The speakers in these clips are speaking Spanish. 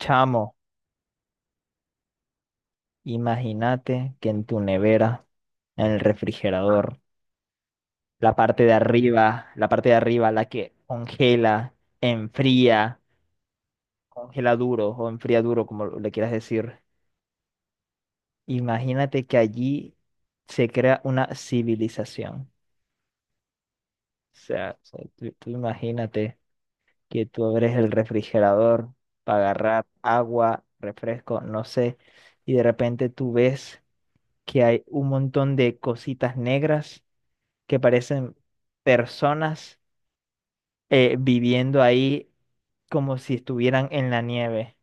Chamo, imagínate que en tu nevera, en el refrigerador, la parte de arriba, la que congela, enfría, congela duro o enfría duro, como le quieras decir. Imagínate que allí se crea una civilización. O sea, tú imagínate que tú abres el refrigerador para agarrar agua, refresco, no sé, y de repente tú ves que hay un montón de cositas negras que parecen personas viviendo ahí como si estuvieran en la nieve.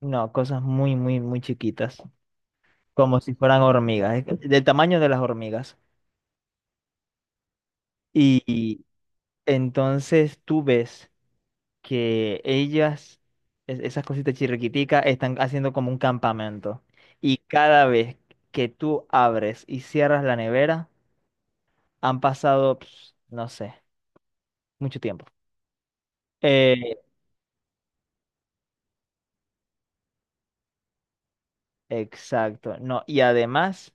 No, cosas muy, muy, muy chiquitas, como si fueran hormigas, del tamaño de las hormigas. Y entonces tú ves que ellas, esas cositas chirriquiticas, están haciendo como un campamento. Y cada vez que tú abres y cierras la nevera, han pasado, no sé, mucho tiempo. Eh, exacto, no. Y además...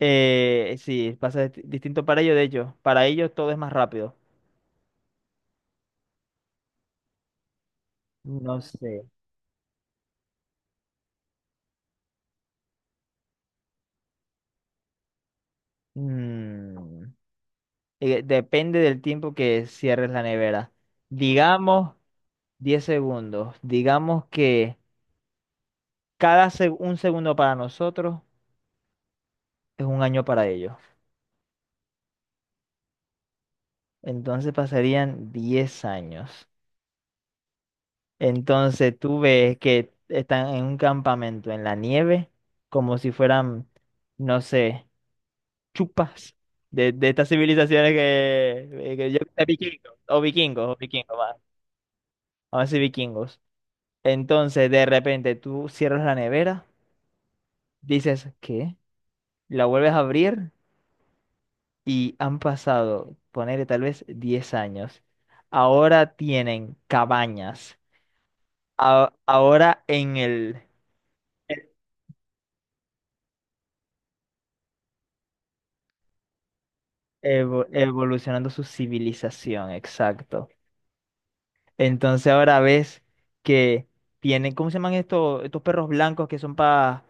Sí, pasa distinto para ellos, de hecho. Para ellos todo es más rápido. No sé. Mm, depende del tiempo que cierres la nevera. Digamos 10 segundos. Digamos que 1 segundo para nosotros es 1 año para ellos. Entonces pasarían 10 años. Entonces tú ves que están en un campamento en la nieve, como si fueran, no sé, chupas de estas civilizaciones que yo de vikingos va, vamos a decir vikingos. Entonces, de repente tú cierras la nevera, dices ¿qué? La vuelves a abrir y han pasado, ponerle tal vez 10 años. Ahora tienen cabañas. Ahora en el evolucionando su civilización, exacto. Entonces ahora ves que tienen, ¿cómo se llaman estos, estos perros blancos que son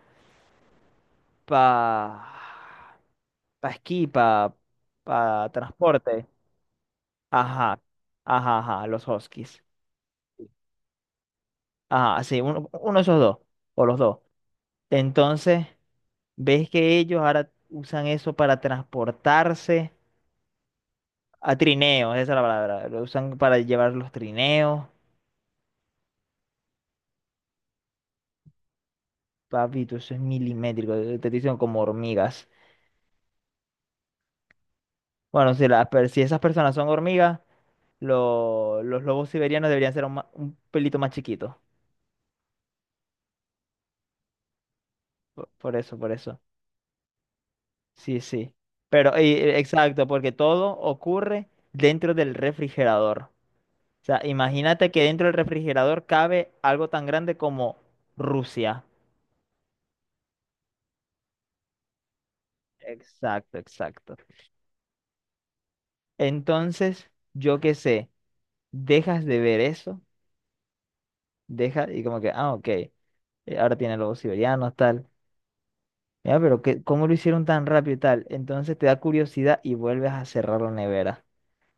para pa esquí, para transporte? Ajá, ajá, los huskies. Ajá, sí, uno, uno de esos dos, o los dos. Entonces, ves que ellos ahora usan eso para transportarse a trineos, esa es la palabra. Lo usan para llevar los trineos. Papito, eso es milimétrico, te dicen como hormigas. Bueno, si, si esas personas son hormigas, los lobos siberianos deberían ser un, un pelito más chiquitos. Por eso, por eso. Sí, sí. Pero, exacto, porque todo ocurre dentro del refrigerador. O sea, imagínate que dentro del refrigerador cabe algo tan grande como Rusia. Exacto, exacto. Entonces, yo qué sé, dejas de ver eso, dejas y como que, ah, ok, ahora tiene lobos siberianos, tal. Ya, pero que, ¿cómo lo hicieron tan rápido y tal? Entonces te da curiosidad y vuelves a cerrar la nevera.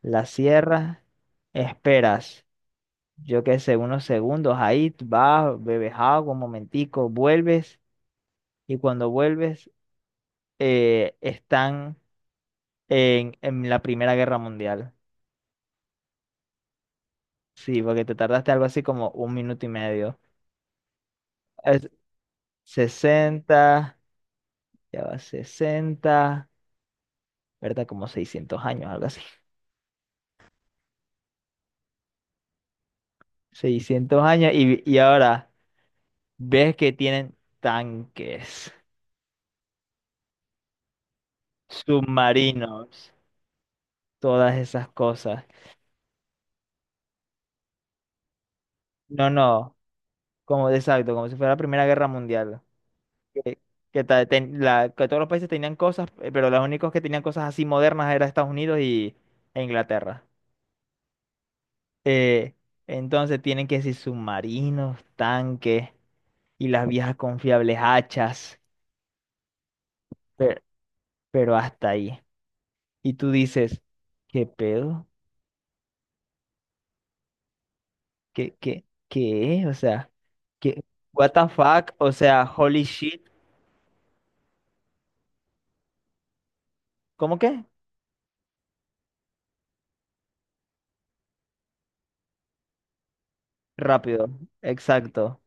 La cierras, esperas, yo qué sé, unos segundos ahí, tú vas, bebes agua, un momentico, vuelves y cuando vuelves están en la Primera Guerra Mundial. Sí, porque te tardaste algo así como un minuto y medio. Es 60, ya va 60, ¿verdad? Como 600 años, algo así. 600 años y ahora ves que tienen tanques, submarinos, todas esas cosas. No, no. Exacto, como si fuera la Primera Guerra Mundial. Que, que todos los países tenían cosas, pero los únicos que tenían cosas así modernas eran Estados Unidos y, e Inglaterra. Eh, entonces tienen que decir submarinos, tanques y las viejas confiables hachas, pero, pero hasta ahí. Y tú dices, ¿qué pedo? ¿Qué, qué, qué? O sea, ¿qué? What the fuck? O sea, holy shit. ¿Cómo que? Rápido, exacto.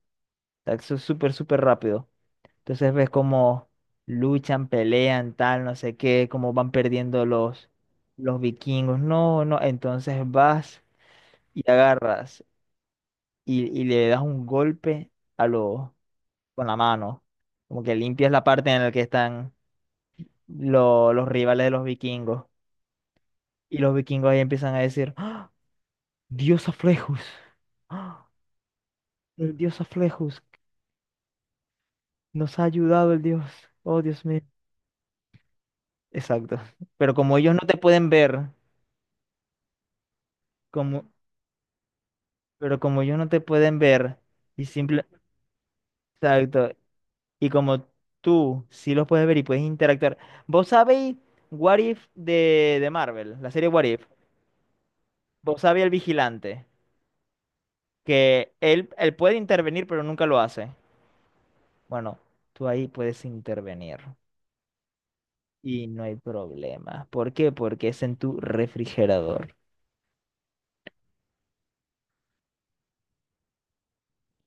Eso es súper, súper rápido. Entonces ves cómo luchan, pelean, tal, no sé qué, cómo van perdiendo los vikingos. No, no, entonces vas y agarras y le das un golpe a los con la mano. Como que limpias la parte en la que están los rivales de los vikingos. Y los vikingos ahí empiezan a decir, "¡Ah! Dios Aflejus, ¡Ah! El Dios Aflejus, nos ha ayudado el Dios. Oh, Dios mío." Exacto. Pero como ellos no te pueden ver, como, pero como ellos no te pueden ver y simple, exacto, y como tú sí los puedes ver y puedes interactuar. ¿Vos sabéis What If de Marvel, la serie What If? ¿Vos sabéis el vigilante? Que él puede intervenir, pero nunca lo hace. Bueno, tú ahí puedes intervenir y no hay problema. ¿Por qué? Porque es en tu refrigerador.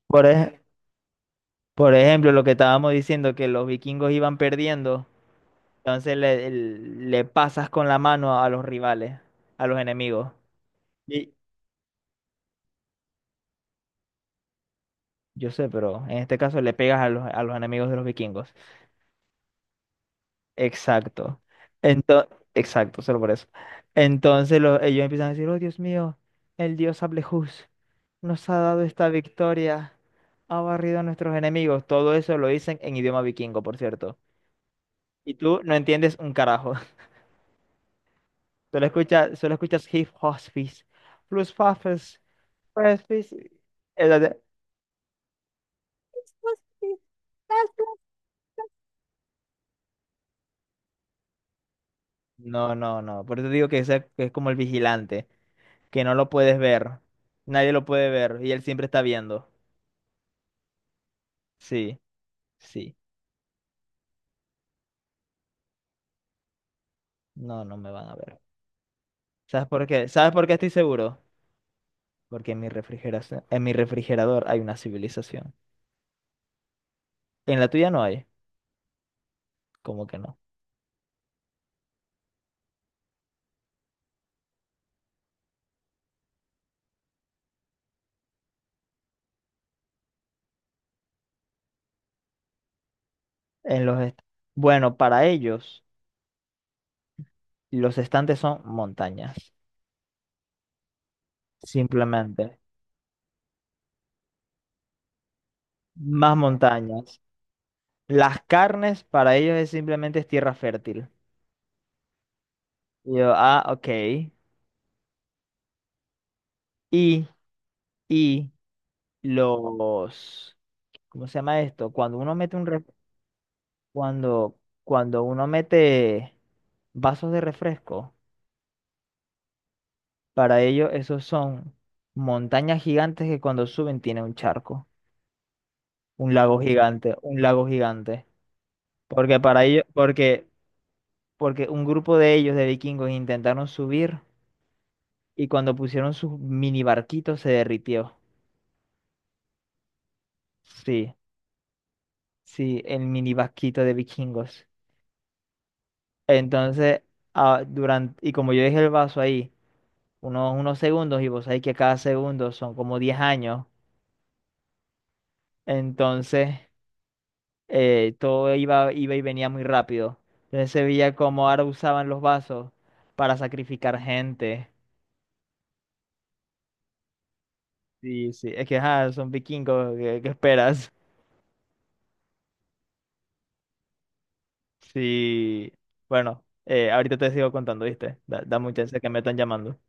Por, ej- por ejemplo, lo que estábamos diciendo, que los vikingos iban perdiendo. Entonces le pasas con la mano a los rivales, a los enemigos. Y yo sé, pero en este caso le pegas a los enemigos de los vikingos. Exacto. Entonces, exacto, solo por eso. Entonces ellos empiezan a decir, oh Dios mío, el dios Ablehús nos ha dado esta victoria, ha barrido a nuestros enemigos. Todo eso lo dicen en idioma vikingo, por cierto. Y tú no entiendes un carajo. Solo escuchas hip hospice, plus. Pues sí, sí. Es la de- No, no, no. Por eso digo que, que es como el vigilante, que no lo puedes ver. Nadie lo puede ver y él siempre está viendo. Sí, sí. No, no me van a ver. ¿Sabes por qué? ¿Sabes por qué estoy seguro? Porque en mi refrigeración, en mi refrigerador hay una civilización. En la tuya no hay. ¿Cómo que no? En los est- bueno, para ellos, los estantes son montañas. Simplemente. Más montañas. Las carnes para ellos es simplemente es tierra fértil. Y yo, ah, ok. Y, y los, ¿cómo se llama esto? Cuando, cuando uno mete vasos de refresco, para ellos esos son montañas gigantes que cuando suben tienen un charco, un lago gigante, un lago gigante. Porque para ellos, porque, porque un grupo de ellos, de vikingos, intentaron subir y cuando pusieron sus mini barquitos se derritió. Sí, sí, el mini barquito de vikingos. Entonces, ah, durante, y como yo dejé el vaso ahí unos, unos segundos, y vos sabés que cada segundo son como 10 años, entonces todo iba, iba y venía muy rápido. Entonces se veía como ahora usaban los vasos para sacrificar gente. Sí, sí, es que ajá, son vikingos, ¿qué, qué esperas? Sí, bueno, ahorita te sigo contando, ¿viste? Da, da mucha chance que me están llamando.